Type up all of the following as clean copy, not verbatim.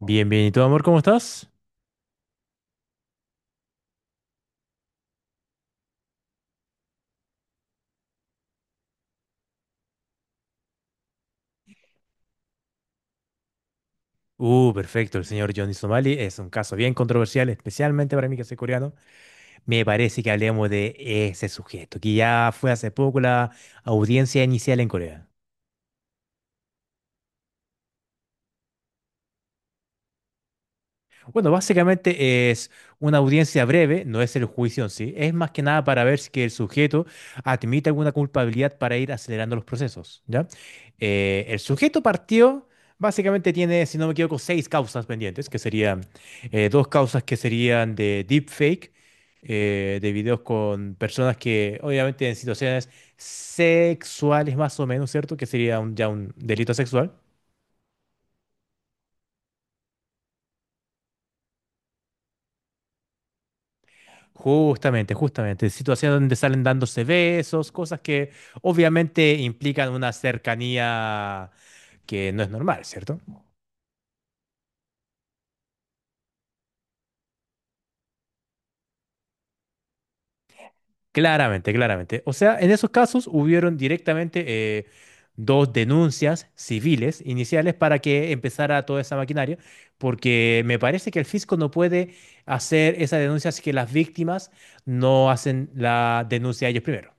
Bien, bien. ¿Y tú, amor, cómo estás? Perfecto. El señor Johnny Somali es un caso bien controversial, especialmente para mí que soy coreano. Me parece que hablemos de ese sujeto, que ya fue hace poco la audiencia inicial en Corea. Bueno, básicamente es una audiencia breve, no es el juicio en sí, es más que nada para ver si que el sujeto admite alguna culpabilidad para ir acelerando los procesos, ¿ya? El sujeto partió, básicamente tiene, si no me equivoco, seis causas pendientes, que serían dos causas que serían de deepfake, de videos con personas que obviamente en situaciones sexuales más o menos, ¿cierto? Que sería ya un delito sexual. Justamente, justamente. Situaciones donde salen dándose besos, cosas que obviamente implican una cercanía que no es normal, ¿cierto? Claramente, claramente. O sea, en esos casos hubieron directamente eh, dos denuncias civiles iniciales para que empezara toda esa maquinaria, porque me parece que el fisco no puede hacer esa denuncia si que las víctimas no hacen la denuncia ellos primero.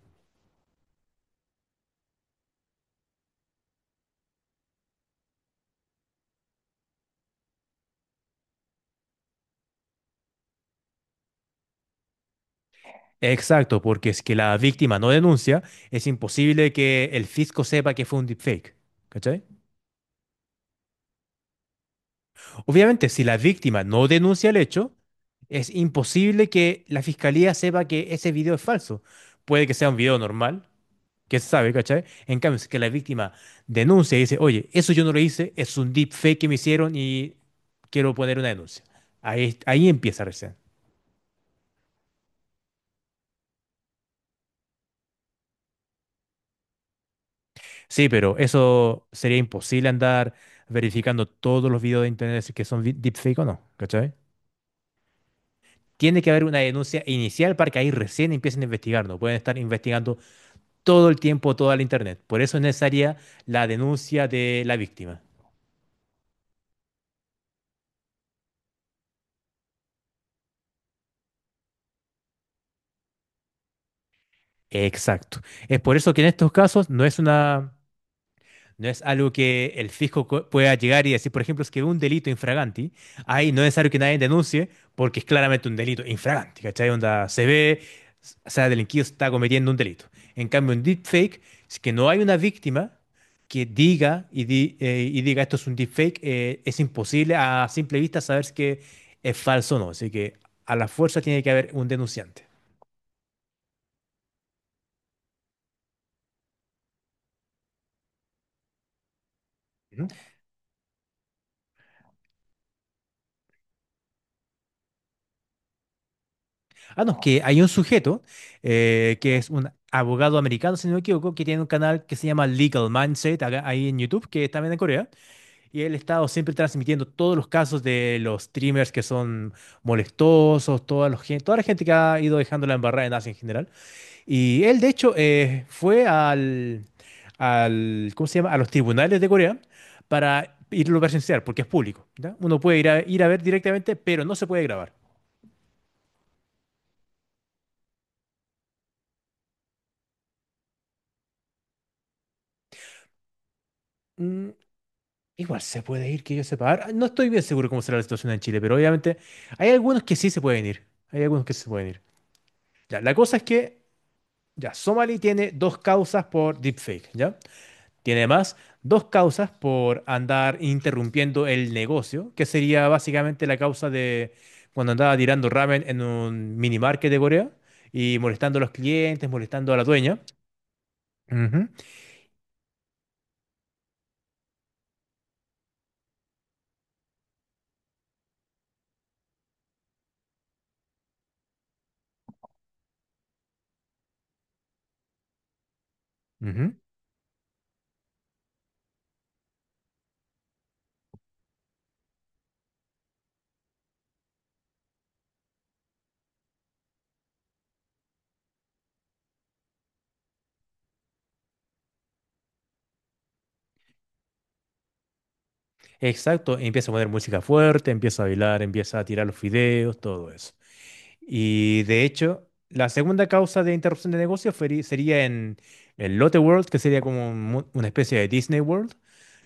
Exacto, porque es que la víctima no denuncia, es imposible que el fisco sepa que fue un deepfake. ¿Cachai? Obviamente, si la víctima no denuncia el hecho, es imposible que la fiscalía sepa que ese video es falso. Puede que sea un video normal, que se sabe, ¿cachai? En cambio, si que la víctima denuncia y dice, oye, eso yo no lo hice, es un deepfake que me hicieron y quiero poner una denuncia. Ahí empieza recién. Sí, pero eso sería imposible andar verificando todos los videos de internet si que son deepfake o no, ¿cachai? Tiene que haber una denuncia inicial para que ahí recién empiecen a investigar, no pueden estar investigando todo el tiempo toda la internet. Por eso es necesaria la denuncia de la víctima. Exacto. Es por eso que en estos casos No es algo que el fisco pueda llegar y decir, por ejemplo, es que un delito infraganti, ahí no es necesario que nadie denuncie porque es claramente un delito infraganti, ¿cachai? Onda se ve, o sea, el delinquido está cometiendo un delito. En cambio, en deepfake, si que no hay una víctima que diga y diga esto es un deepfake, es imposible a simple vista saber si que es falso o no. Así que a la fuerza tiene que haber un denunciante. ¿Mm? Ah, no, que hay un sujeto que es un abogado americano, si no me equivoco, que tiene un canal que se llama Legal Mindset, ahí en YouTube, que está también en Corea, y él ha estado siempre transmitiendo todos los casos de los streamers que son molestosos, toda la gente que ha ido dejando la embarrada en Asia en general. Y él, de hecho, fue al, ¿cómo se llama? A los tribunales de Corea para irlo a presenciar, porque es público, ¿ya? Uno puede ir a ver directamente, pero no se puede grabar. Mm, Igual se puede ir, que yo sepa. Ahora, no estoy bien seguro cómo será la situación en Chile, pero obviamente hay algunos que sí se pueden ir. Hay algunos que sí se pueden ir. Ya, la cosa es que, ya, Somali tiene dos causas por deepfake, ¿ya? Tiene además dos causas por andar interrumpiendo el negocio, que sería básicamente la causa de cuando andaba tirando ramen en un mini market de Corea y molestando a los clientes, molestando a la dueña. Ujú, ujú. Exacto, y empieza a poner música fuerte, empieza a bailar, empieza a tirar los fideos, todo eso. Y de hecho, la segunda causa de interrupción de negocio sería en el Lotte World, que sería como una especie de Disney World,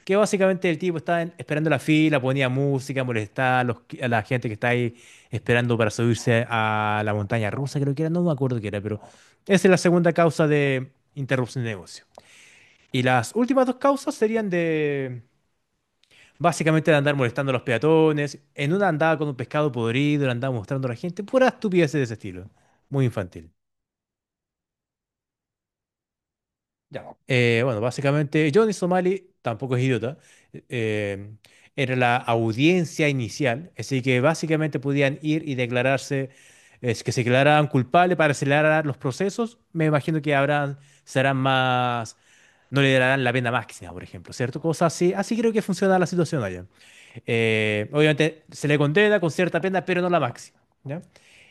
que básicamente el tipo estaba esperando la fila, ponía música, molestaba a la gente que está ahí esperando para subirse a la montaña rusa, creo que era, no me acuerdo qué era, pero esa es la segunda causa de interrupción de negocio. Y las últimas dos causas serían de, básicamente, de andar molestando a los peatones. En una andaba con un pescado podrido, le andaba mostrando a la gente. Pura estupidez de ese estilo. Muy infantil. Ya. Bueno, básicamente Johnny Somali tampoco es idiota. eh, Era la audiencia inicial, así que básicamente podían ir y declararse, es que se declararan culpables para acelerar los procesos. Me imagino que serán más, no le darán la pena máxima, por ejemplo, ¿cierto? Cosas así. Así creo que funciona la situación allá. Obviamente se le condena con cierta pena, pero no la máxima, ¿ya?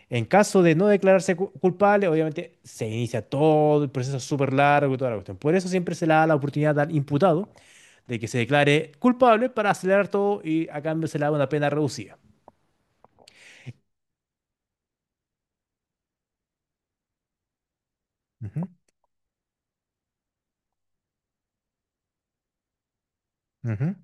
En caso de no declararse culpable, obviamente se inicia todo el proceso súper largo y toda la cuestión. Por eso siempre se le da la oportunidad al imputado de que se declare culpable para acelerar todo y a cambio se le da una pena reducida. Ujú, ujú.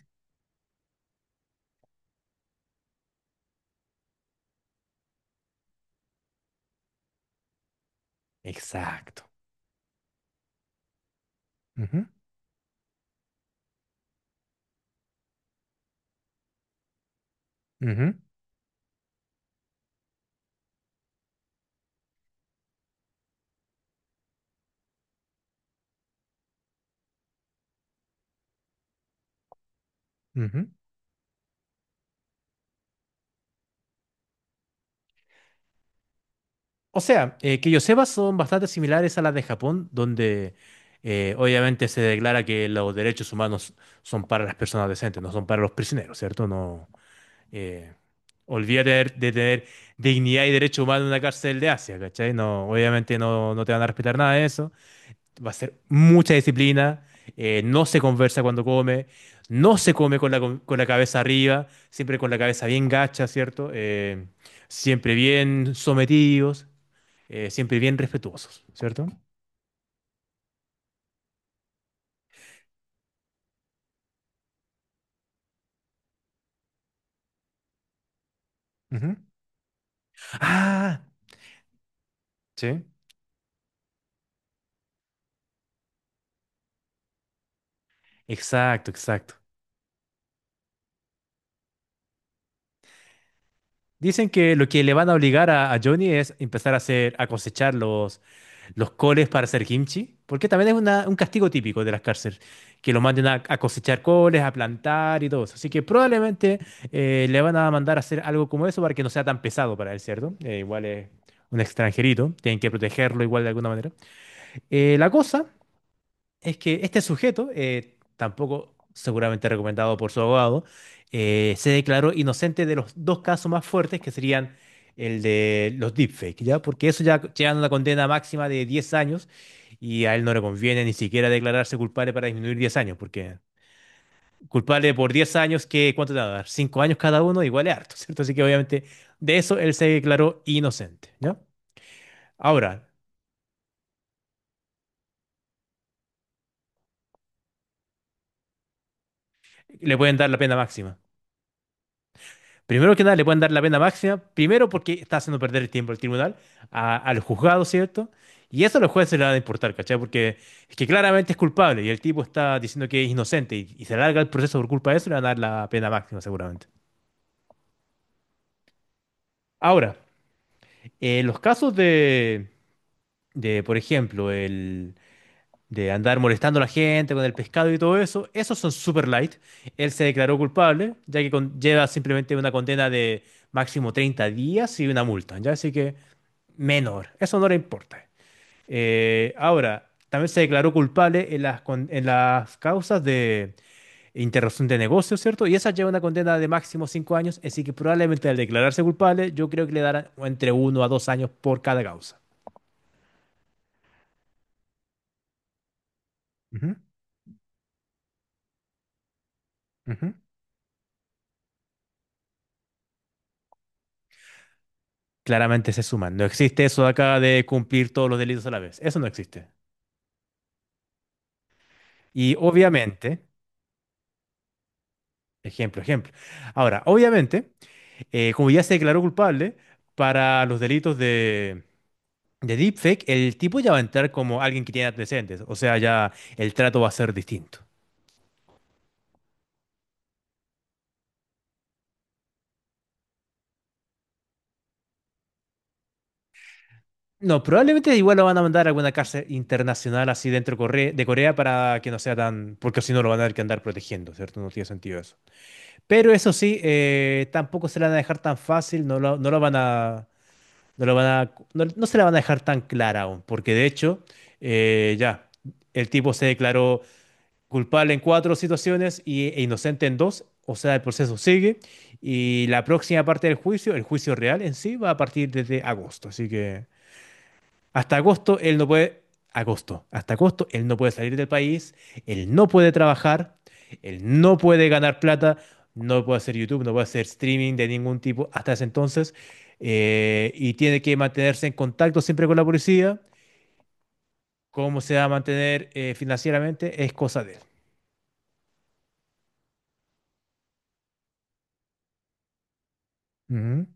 Exacto. Ujú, ujú, ujú. O sea, que yo sepa, son bastante similares a las de Japón, donde obviamente se declara que los derechos humanos son para las personas decentes, no son para los prisioneros, ¿cierto? No, eh, olvídate de, tener dignidad y derechos humanos en una cárcel de Asia, ¿cachai? No, obviamente no te van a respetar nada de eso. Va a ser mucha disciplina, no se conversa cuando come, no se come con la, con la cabeza arriba, siempre con la cabeza bien gacha, ¿cierto? Siempre bien sometidos, siempre bien respetuosos, ¿cierto? Ujú. Ah, sí. Exacto, exacto. Dicen que lo que le van a obligar a Johnny es empezar a a cosechar los coles para hacer kimchi, porque también es un castigo típico de las cárceles, que lo manden a cosechar coles, a plantar y todo eso. Así que probablemente le van a mandar a hacer algo como eso para que no sea tan pesado para él, ¿cierto? Igual es un extranjerito, tienen que protegerlo igual de alguna manera. La cosa es que este sujeto, tampoco seguramente recomendado por su abogado, se declaró inocente de los dos casos más fuertes que serían el de los deepfakes, ¿ya? Porque eso ya llega a una condena máxima de 10 años y a él no le conviene ni siquiera declararse culpable para disminuir 10 años, porque culpable por 10 años, qué ¿cuánto te va a dar? 5 años cada uno, igual es harto, ¿cierto? Así que obviamente de eso él se declaró inocente, ¿ya? Ahora, le pueden dar la pena máxima. Primero que nada, le pueden dar la pena máxima, primero porque está haciendo perder el tiempo al tribunal, a los juzgados, ¿cierto? Y eso a los jueces le van a importar, ¿cachai? Porque es que claramente es culpable y el tipo está diciendo que es inocente y se alarga el proceso por culpa de eso, le van a dar la pena máxima seguramente. Ahora, los casos por ejemplo, el de andar molestando a la gente con el pescado y todo eso, esos son super light. Él se declaró culpable, ya que lleva simplemente una condena de máximo 30 días y una multa, ¿ya? Así que menor. Eso no le importa. Ahora, también se declaró culpable en en las causas de interrupción de negocio, ¿cierto? Y esa lleva una condena de máximo 5 años, así que probablemente al declararse culpable, yo creo que le darán entre 1 a 2 años por cada causa. Ujú, ujú. Claramente se suman. No existe eso de acá de cumplir todos los delitos a la vez. Eso no existe. Y obviamente, ejemplo, ejemplo. Ahora, obviamente, como ya se declaró culpable para los delitos de deepfake, el tipo ya va a entrar como alguien que tiene antecedentes. O sea, ya el trato va a ser distinto. No, probablemente igual lo van a mandar a alguna cárcel internacional así dentro de Corea para que no sea tan. Porque si no lo van a tener que andar protegiendo, ¿cierto? No tiene sentido eso. Pero eso sí, tampoco se la van a dejar tan fácil, no lo van a. No, no se la van a dejar tan clara aún, porque de hecho, ya, el tipo se declaró culpable en cuatro situaciones e inocente en dos. O sea, el proceso sigue y la próxima parte del juicio, el juicio real en sí, va a partir desde agosto. Así que hasta agosto él no puede, hasta agosto él no puede salir del país, él no puede trabajar, él no puede ganar plata, no puede hacer YouTube, no puede hacer streaming de ningún tipo hasta ese entonces, y tiene que mantenerse en contacto siempre con la policía. Cómo se va a mantener financieramente es cosa de él. Ujú.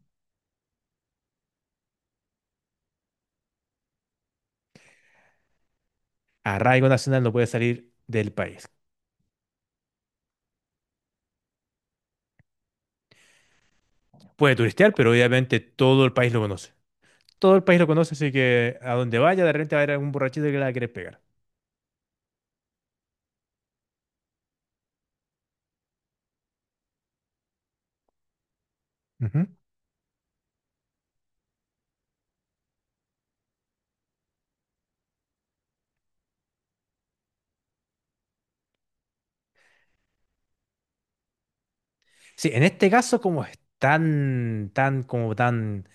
Arraigo nacional no puede salir del país. Puede turistear, pero obviamente todo el país lo conoce. Todo el país lo conoce, así que a donde vaya, de repente va a haber algún borrachito que la quiere pegar. Ujú. Sí, en este caso, como es tan, tan, como tan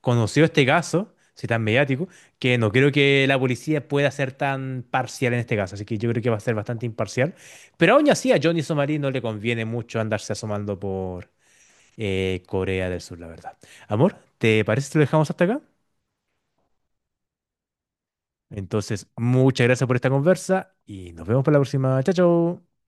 conocido este caso, sí, tan mediático, que no creo que la policía pueda ser tan parcial en este caso. Así que yo creo que va a ser bastante imparcial. Pero aún así, a Johnny Somarí no le conviene mucho andarse asomando por Corea del Sur, la verdad. Amor, ¿te parece que lo dejamos hasta acá? Entonces, muchas gracias por esta conversa y nos vemos para la próxima. Chao, chao.